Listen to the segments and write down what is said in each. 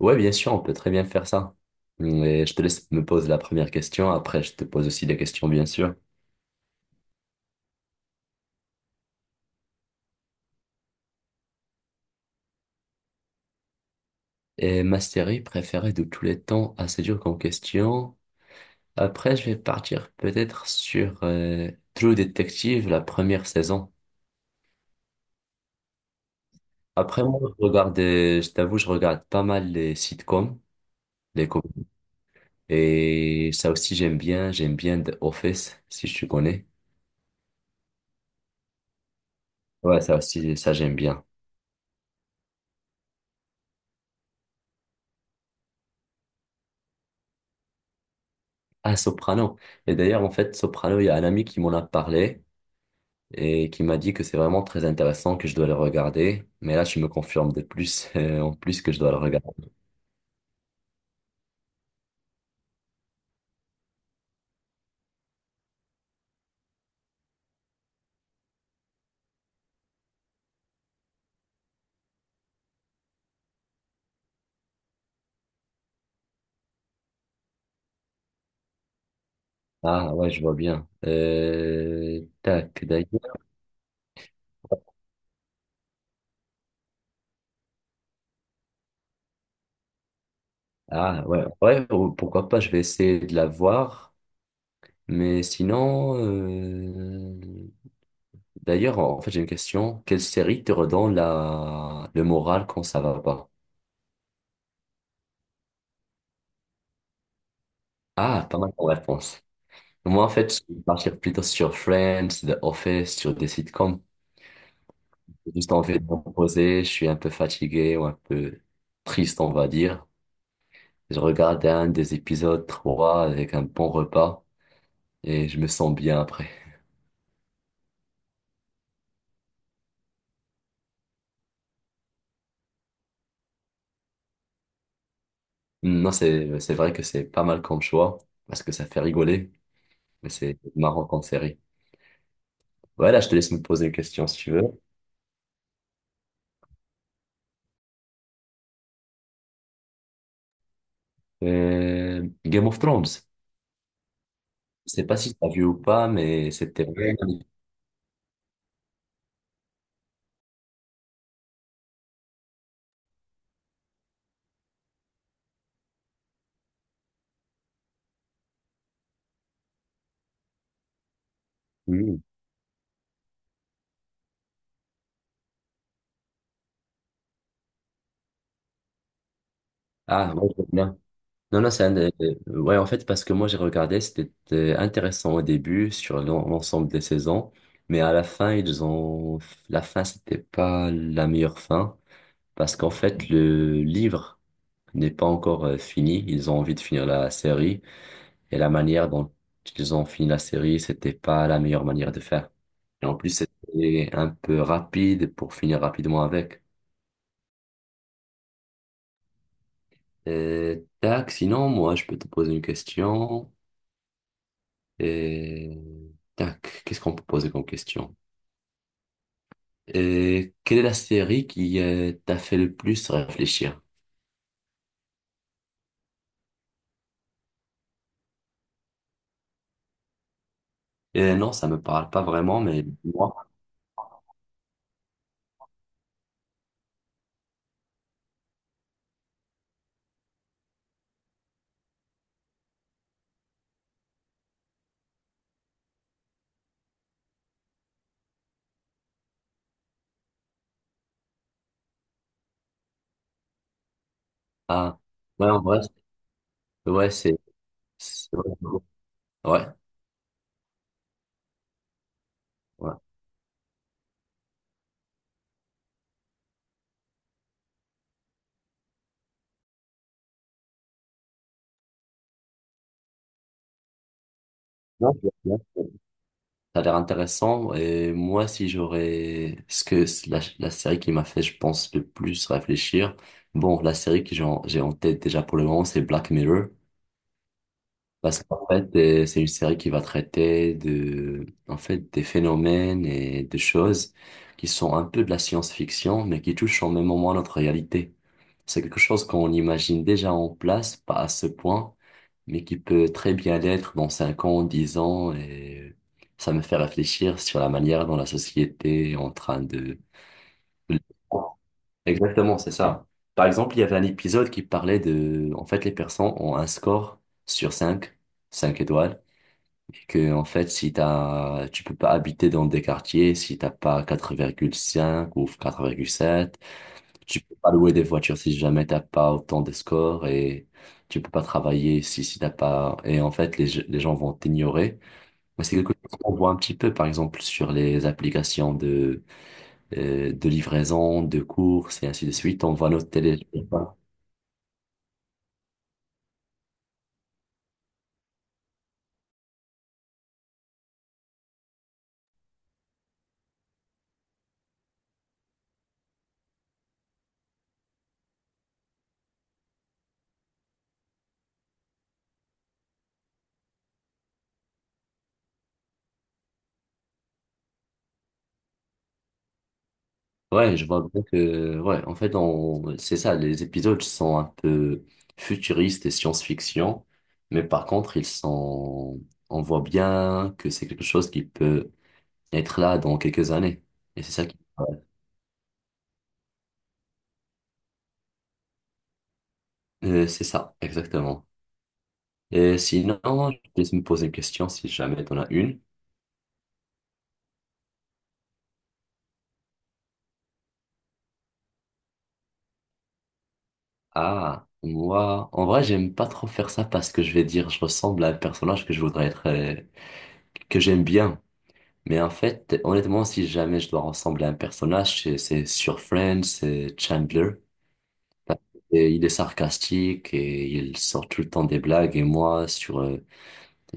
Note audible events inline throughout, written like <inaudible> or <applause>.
Ouais, bien sûr, on peut très bien faire ça. Mais je te laisse me poser la première question. Après, je te pose aussi des questions, bien sûr. Et ma série préférée de tous les temps, assez dur comme question. Après, je vais partir peut-être sur True Detective, la première saison. Après, moi, je regarde, je t'avoue, je regarde pas mal les sitcoms, les com- Et ça aussi, j'aime bien. J'aime bien The Office, si tu connais. Ouais, ça aussi, ça, j'aime bien. Ah, Soprano. Et d'ailleurs, en fait, Soprano, il y a un ami qui m'en a parlé. Et qui m'a dit que c'est vraiment très intéressant, que je dois le regarder. Mais là, tu me confirmes de plus, <laughs> en plus que je dois le regarder. Ah ouais, je vois bien. Tac, d'ailleurs. Ah ouais, ouais, pourquoi pas, je vais essayer de la voir. Mais sinon, d'ailleurs, en fait, j'ai une question. Quelle série te redonne le moral quand ça va pas? Ah, pas mal comme réponse. Moi, en fait, je vais partir plutôt sur Friends, The Office, sur des sitcoms. J'ai juste envie de me reposer, je suis un peu fatigué ou un peu triste, on va dire. Je regarde un des épisodes 3 avec un bon repas et je me sens bien après. Non, c'est vrai que c'est pas mal comme choix parce que ça fait rigoler, mais c'est marrant en série. Voilà, je te laisse me poser une question si tu veux. Game of Thrones. Je sais pas si tu as vu ou pas, mais c'était vraiment... Mhm. Ah, moi, je veux bien. Non, non, c'est un des- Ouais, en fait, parce que moi, j'ai regardé, c'était intéressant au début sur l'ensemble des saisons, mais à la fin, ils ont... La fin, c'était pas la meilleure fin, parce qu'en fait, le livre n'est pas encore fini. Ils ont envie de finir la série, et la manière dont ils ont fini la série, c'était pas la meilleure manière de faire. Et en plus, c'était un peu rapide pour finir rapidement avec. Tac, sinon, moi, je peux te poser une question. Et tac, qu'est-ce qu'on peut poser comme question? Et quelle est la série qui t'a fait le plus réfléchir? Et non, ça me parle pas vraiment, mais moi, ah, ouais, en vrai, ouais, c'est- ouais, ouais. Non, je- non, je- Ça a l'air intéressant et moi si j'aurais ce que c'est la série qui m'a fait je pense le plus réfléchir bon la série que j'ai en tête déjà pour le moment c'est Black Mirror. Parce qu'en fait, c'est une série qui va traiter de, en fait, des phénomènes et des choses qui sont un peu de la science-fiction, mais qui touchent en même moment à notre réalité. C'est quelque chose qu'on imagine déjà en place, pas à ce point, mais qui peut très bien l'être dans 5 ans, 10 ans, et ça me fait réfléchir sur la manière dont la société est en train de... Exactement, c'est ça. Par exemple, il y avait un épisode qui parlait de, en fait, les personnes ont un score sur 5, 5 étoiles, et que, en fait, si t'as, tu peux pas habiter dans des quartiers si t'as pas quatre virgule cinq ou quatre virgule sept, tu peux pas louer des voitures si jamais t'as pas autant de scores, et tu peux pas travailler si t'as pas, et en fait, les gens vont t'ignorer. Mais c'est quelque chose qu'on voit un petit peu, par exemple, sur les applications de livraison, de courses et ainsi de suite. On voit notre télé. Je sais pas. Ouais, je vois bien que, ouais, en fait, on, c'est ça, les épisodes sont un peu futuristes et science-fiction, mais par contre, ils sont, on voit bien que c'est quelque chose qui peut être là dans quelques années. Et c'est ça qui, ouais, c'est ça, exactement. Et sinon, je vais me poser une question si jamais t'en as une. Ah, moi, en vrai, j'aime pas trop faire ça parce que je vais dire, je ressemble à un personnage que je voudrais être. Que j'aime bien. Mais en fait, honnêtement, si jamais je dois ressembler à un personnage, c'est sur Friends, c'est Chandler. Et il est sarcastique et il sort tout le temps des blagues. Et moi, sur euh,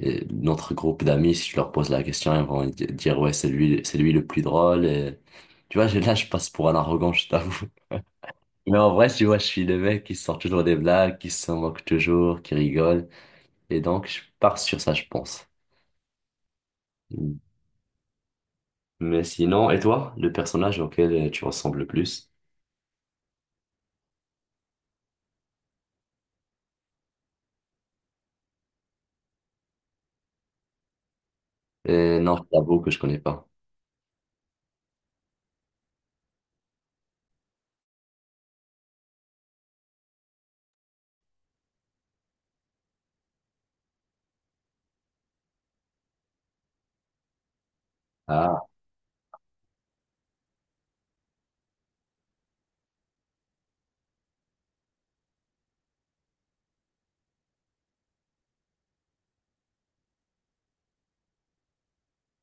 euh, notre groupe d'amis, si je leur pose la question, ils vont dire, ouais, c'est lui le plus drôle. Et, tu vois, <laughs> là, je passe pour un arrogant, je t'avoue. <laughs> Mais en vrai, tu vois, je suis le mec qui sort toujours des blagues, qui se moque toujours, qui rigole. Et donc, je pars sur ça, je pense. Mais sinon, et toi, le personnage auquel tu ressembles le plus? Non, je t'avoue que je connais pas. Ah,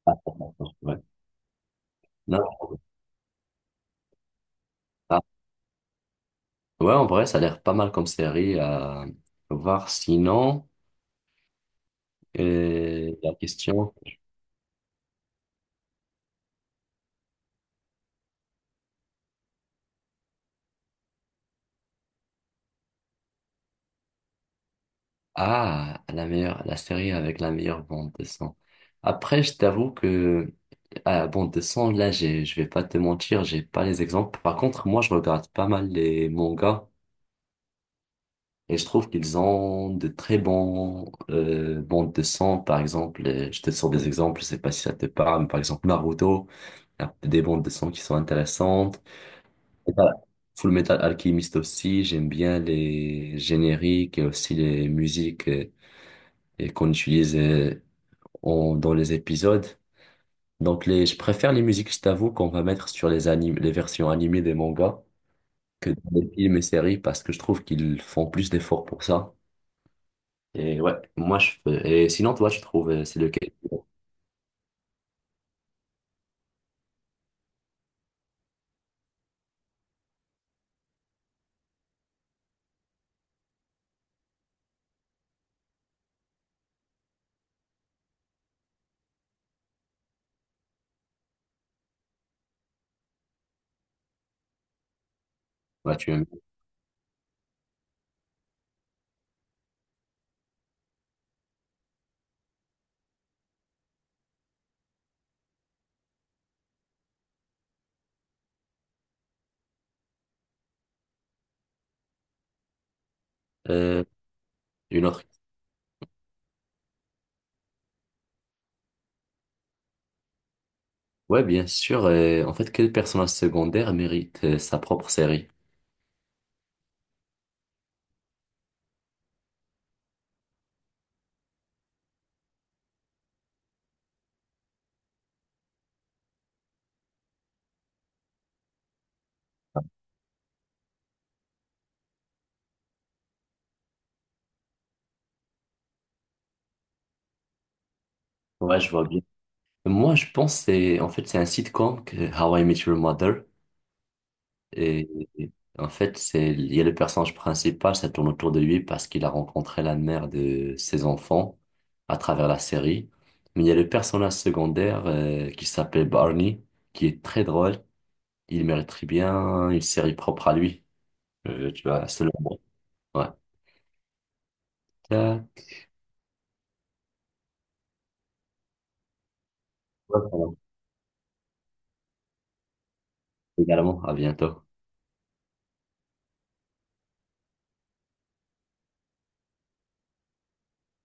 d'accord, ouais. Non. Ah. Ouais, en vrai, ça a l'air pas mal comme série à voir. Sinon, la question. Ah, la meilleure, la série avec la meilleure bande de son. Après, je t'avoue que à bande de son, là, je vais pas te mentir, j'ai pas les exemples. Par contre, moi, je regarde pas mal les mangas. Et je trouve qu'ils ont de très bons bandes de son, par exemple, je te sors des exemples, je sais pas si ça te parle, mais par exemple Naruto, il y a des bandes de son qui sont intéressantes. Et voilà. Full Metal Alchemist aussi, j'aime bien les génériques et aussi les musiques et qu'on utilise dans les épisodes. Donc les, je préfère les musiques, je t'avoue, qu'on va mettre sur les animes, les versions animées des mangas que dans les films et séries parce que je trouve qu'ils font plus d'efforts pour ça. Et ouais, Et sinon, toi, tu trouves c'est lequel? Ouais, tu aimes. Euh, une autre. Ouais, bien sûr. En fait, quel personnage secondaire mérite sa propre série? Ouais, je vois bien. Moi, je pense que c'est en fait c'est un sitcom que How I Met Your Mother et, et en fait c'est il y a le personnage principal, ça tourne autour de lui parce qu'il a rencontré la mère de ses enfants à travers la série. Mais il y a le personnage secondaire qui s'appelle Barney qui est très drôle. Il mérite très bien une série propre à lui. Tu vas, c'est le bon. Ouais. Euh, ouais, voilà. Également, à bientôt.